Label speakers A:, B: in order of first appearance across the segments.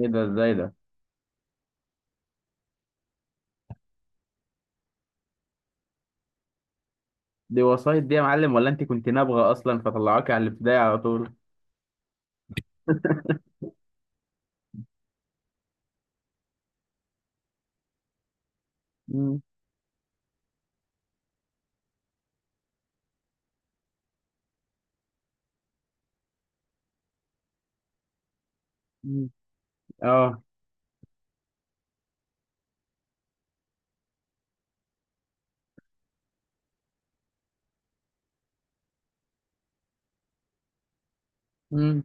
A: ايه ده؟ ازاي ده؟ دي وسايط دي يا معلم، ولا انت كنت نابغه اصلا فطلعوكي على الابتدائي على طول؟ مم. مم. اه. مم.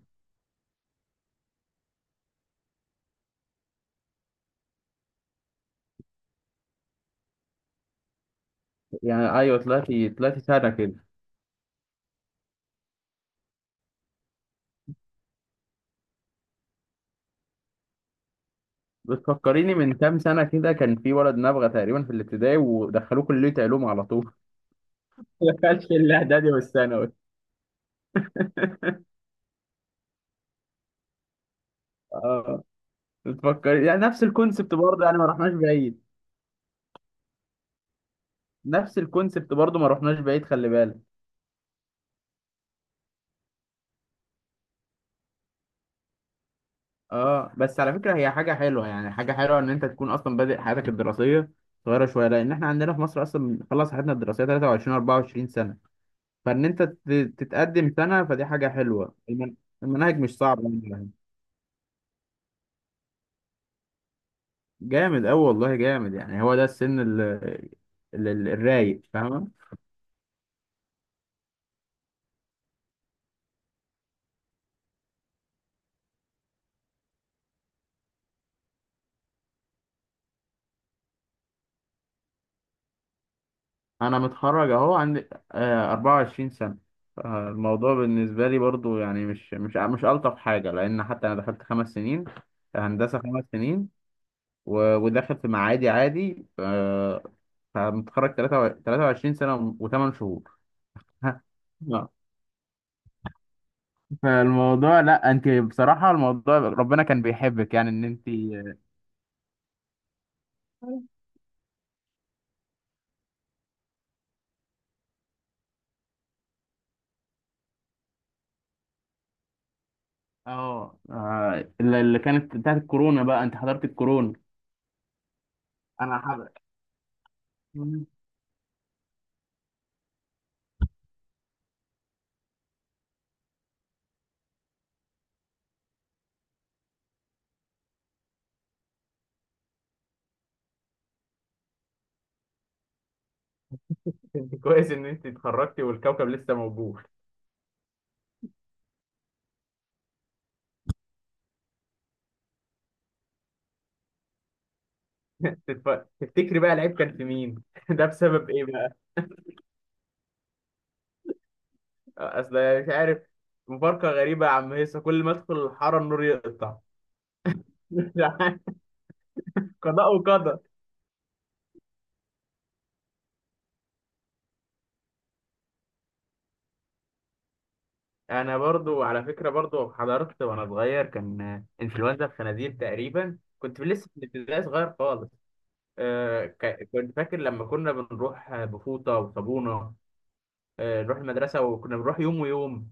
A: يعني ايوه، طلعتي سنه كده. بتفكريني من كام سنه كده، كان في ولد نابغه تقريبا في الابتدائي ودخلوه كليه علوم على طول. دخلش الاعدادي والثانوي. اه. بتفكري يعني نفس الكونسبت برضه، يعني ما رحناش بعيد. نفس الكونسبت برضه، ما رحناش بعيد، خلي بالك. اه، بس على فكرة هي حاجة حلوة، يعني حاجة حلوة ان انت تكون اصلا بادئ حياتك الدراسية صغيرة شوية، لان احنا عندنا في مصر اصلا بنخلص حياتنا الدراسية 23 24 سنة. فان انت تتقدم سنة فدي حاجة حلوة. المناهج مش صعبة يعني. جامد اوي والله، جامد يعني، هو ده السن الرايق، فاهمة؟ انا متخرج اهو عندي 24 سنة. الموضوع بالنسبة لي برضو يعني مش ألطف حاجة، لأن حتى أنا دخلت 5 سنين هندسة، 5 سنين. ودخل في معادي عادي. فمتخرج 23 سنة و8 شهور. ها. آه. فالموضوع، لا انت بصراحة الموضوع ربنا كان بيحبك يعني ان انت... اه، اللي كانت بتاعت الكورونا بقى، انت حضرت الكورونا؟ انا حضرت. مم. انت كويس ان انت اتخرجتي والكوكب لسه موجود. تفتكري بقى العيب كان في مين؟ ده بسبب ايه بقى؟ اصل مش عارف. مفارقة غريبة يا عم هيصة، كل ما ادخل الحارة النور يقطع. قضاء وقدر. انا برضو على فكره، برضو حضرت وانا صغير، كان انفلونزا الخنازير تقريبا، كنت لسه في الابتدائي صغير خالص. كنت فاكر لما كنا بنروح بفوطه وصابونه. نروح المدرسه وكنا بنروح يوم ويوم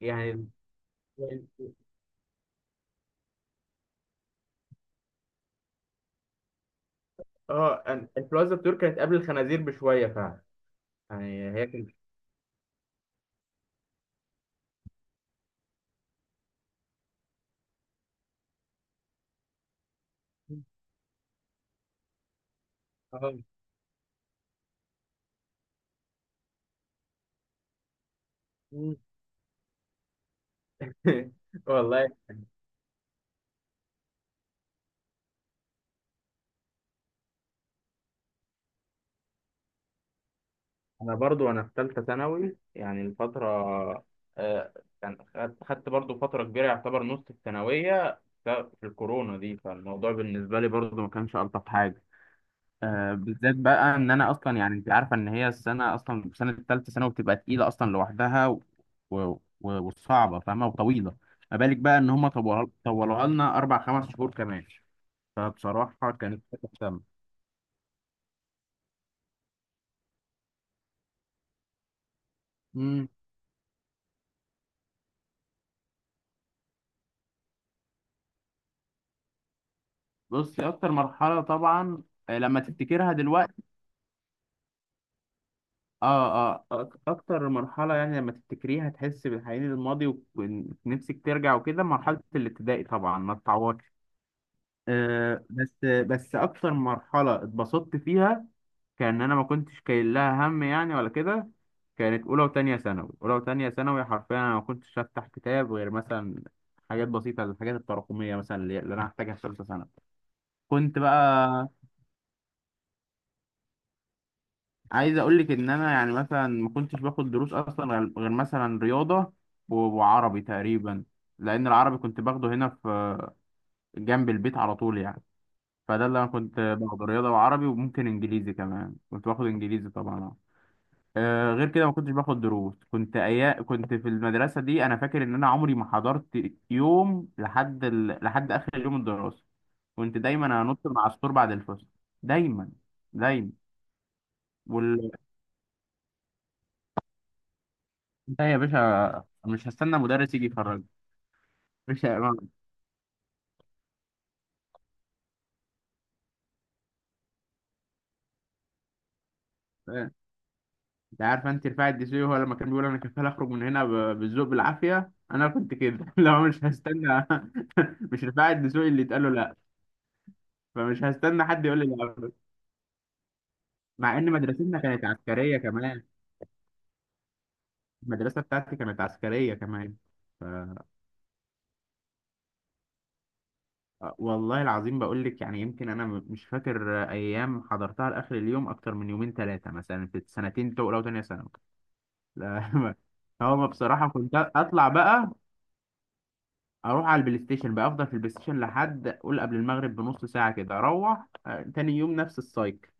A: يعني. اه، انفلونزا الطيور كانت قبل الخنازير بشويه فعلا. يعني هي كانت... آه. والله. انا برضو انا في ثالثه ثانوي، يعني الفتره... آه، كان خدت برضو فتره كبيره، يعتبر نص الثانويه في الكورونا دي، فالموضوع بالنسبه لي برضو ما كانش الطف حاجه. بالذات بقى ان انا اصلا يعني، انت عارفه ان هي السنه اصلا، سنه الثالثه ثانوي بتبقى تقيله اصلا لوحدها و... و... وصعبه فاهمه وطويله. ما بالك بقى ان هم طولوها لنا اربع خمس شهور كمان. فبصراحه كانت حاجه سامه. امم بصي اكتر مرحله طبعا. لما تفتكرها دلوقتي اه، اه، اكتر مرحله يعني لما تفتكريها تحس بالحنين للماضي، ونفسك ترجع وكده مرحله الابتدائي طبعا ما تتعوضش. بس اكتر مرحله اتبسطت فيها، كان انا ما كنتش كاين لها هم يعني، ولا كده. كانت اولى وتانية ثانوي، اولى وتانية ثانوي حرفيا انا ما كنتش افتح كتاب غير مثلا حاجات بسيطه، الحاجات التراكميه مثلا اللي انا هحتاجها في ثالثه ثانوي. كنت بقى عايز اقول لك ان انا يعني مثلا ما كنتش باخد دروس اصلا غير مثلا رياضه وعربي تقريبا، لان العربي كنت باخده هنا في جنب البيت على طول يعني. فده اللي انا كنت باخده، رياضه وعربي وممكن انجليزي كمان، كنت باخد انجليزي طبعا. غير كده ما كنتش باخد دروس، كنت أيا كنت في المدرسه دي. انا فاكر ان انا عمري ما حضرت يوم لحد اخر يوم الدراسه. كنت دايما انط من على السور بعد الفصل. دايما. دايما. لا يا باشا، مش هستنى مدرس يجي يخرج. مش ما- انت عارف انت رفاعي الدسوقي هو لما كان بيقول انا كفاله اخرج من هنا بالذوق بالعافيه، انا كنت كده. لو مش هستنى. مش رفاعي الدسوقي اللي اتقال له لا. فمش هستنى حد يقول لي لا. مع ان مدرستنا كانت عسكريه كمان. المدرسه بتاعتي كانت عسكريه كمان. ف... والله العظيم بقول لك يعني، يمكن انا مش فاكر ايام حضرتها لاخر اليوم اكتر من يومين ثلاثه مثلا في السنتين الاولى وثانيه ثانوي. لا. هو بصراحه كنت اطلع بقى، اروح على البلاي ستيشن، بقى افضل في البلاي ستيشن لحد قول قبل المغرب بنص ساعه كده، اروح. تاني يوم نفس السايكل.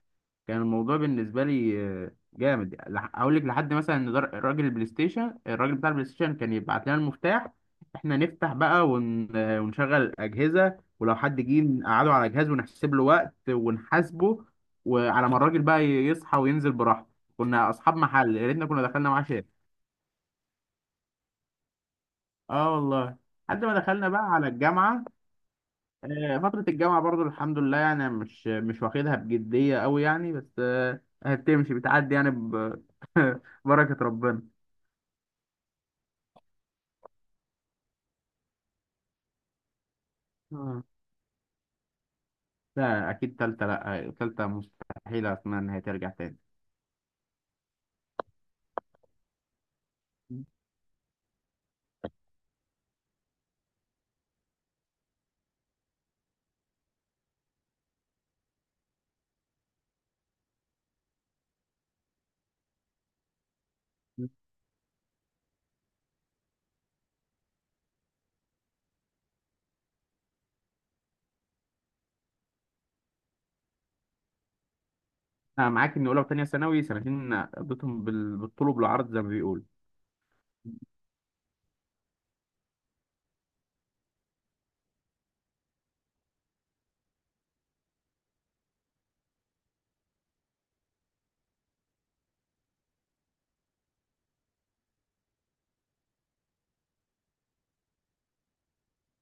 A: كان الموضوع بالنسبه لي جامد. هقول لك لحد مثلا ان راجل البلاي ستيشن، الراجل بتاع البلاي ستيشن كان يبعت لنا المفتاح، احنا نفتح بقى ون... آه، ونشغل الاجهزه، ولو حد جه نقعده على جهاز ونحسب له وقت ونحاسبه، وعلى ما الراجل بقى يصحى وينزل براحته. كنا اصحاب محل، يا ريتنا كنا دخلنا معاه شارع. اه والله. لحد ما دخلنا بقى على الجامعه. فترة الجامعة برضو الحمد لله يعني مش واخدها بجدية أوي يعني، بس هتمشي بتعدي يعني ببركة ربنا. آه. لا أكيد تالتة لأ، تالتة مستحيل، أتمنى إن هي ترجع تاني. أنا معاك إن أولى وتانية ثانوي سنتين قضيتهم بالطول وبالعرض زي ما بيقولوا.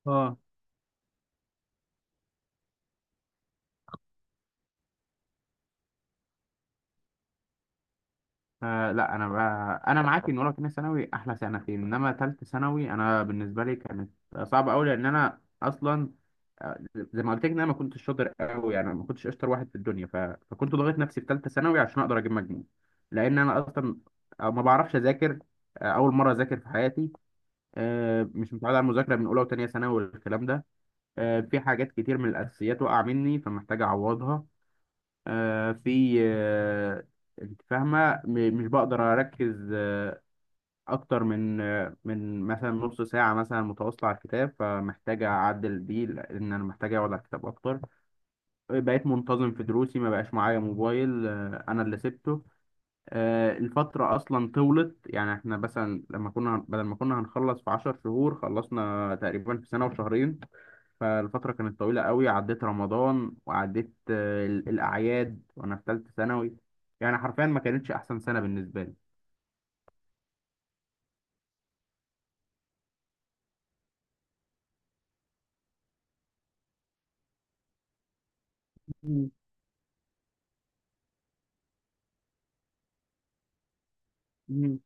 A: اه. لا انا بقى انا معاك ان اولى وتانية ثانوي احلى سنتين، انما تالتة ثانوي انا بالنسبه لي كانت صعبه قوي، لان انا اصلا، آه، زي ما قلت لك ان انا ما كنتش شاطر قوي يعني، ما كنتش اشطر واحد في الدنيا. فكنت ضاغط نفسي في ثالثه ثانوي عشان اقدر اجيب مجموع، لان انا اصلا ما بعرفش اذاكر. اول مره اذاكر في حياتي، مش متعود على المذاكره من اولى وتانية ثانوي والكلام ده. في حاجات كتير من الاساسيات وقع مني فمحتاج اعوضها. في، انت فاهمه، مش بقدر اركز اكتر من من مثلا نص ساعه مثلا متواصله على الكتاب، فمحتاج اعدل دي لان انا محتاج اقعد على الكتاب اكتر. بقيت منتظم في دروسي، ما بقاش معايا موبايل، انا اللي سبته. الفتره اصلا طولت يعني، احنا مثلا لما كنا بدل ما كنا هنخلص في 10 شهور خلصنا تقريبا في سنه وشهرين. فالفترة كانت طويلة قوي، عديت رمضان وعديت الأعياد وأنا في تالتة ثانوي. يعني حرفيا ما كانتش أحسن سنة بالنسبة لي. مم. مم.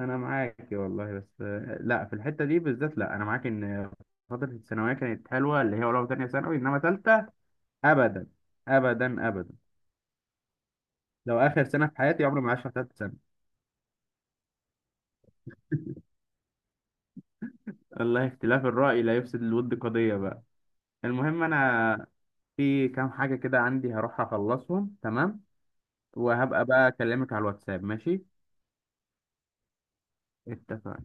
A: أنا معاك والله، بس لا في الحتة دي بالذات، لا أنا معاك إن فترة الثانوية كانت حلوة اللي هي أولى وتانية ثانوي، إنما تالتة أبدا، أبدا، أبدا. لو آخر سنة في حياتي عمري ما عشت تالتة سنة. الله، اختلاف الرأي لا يفسد الود قضية بقى. المهم أنا في كام حاجة كده عندي هروح أخلصهم، تمام؟ وهبقى بقى أكلمك على الواتساب، ماشي؟ اتفقنا.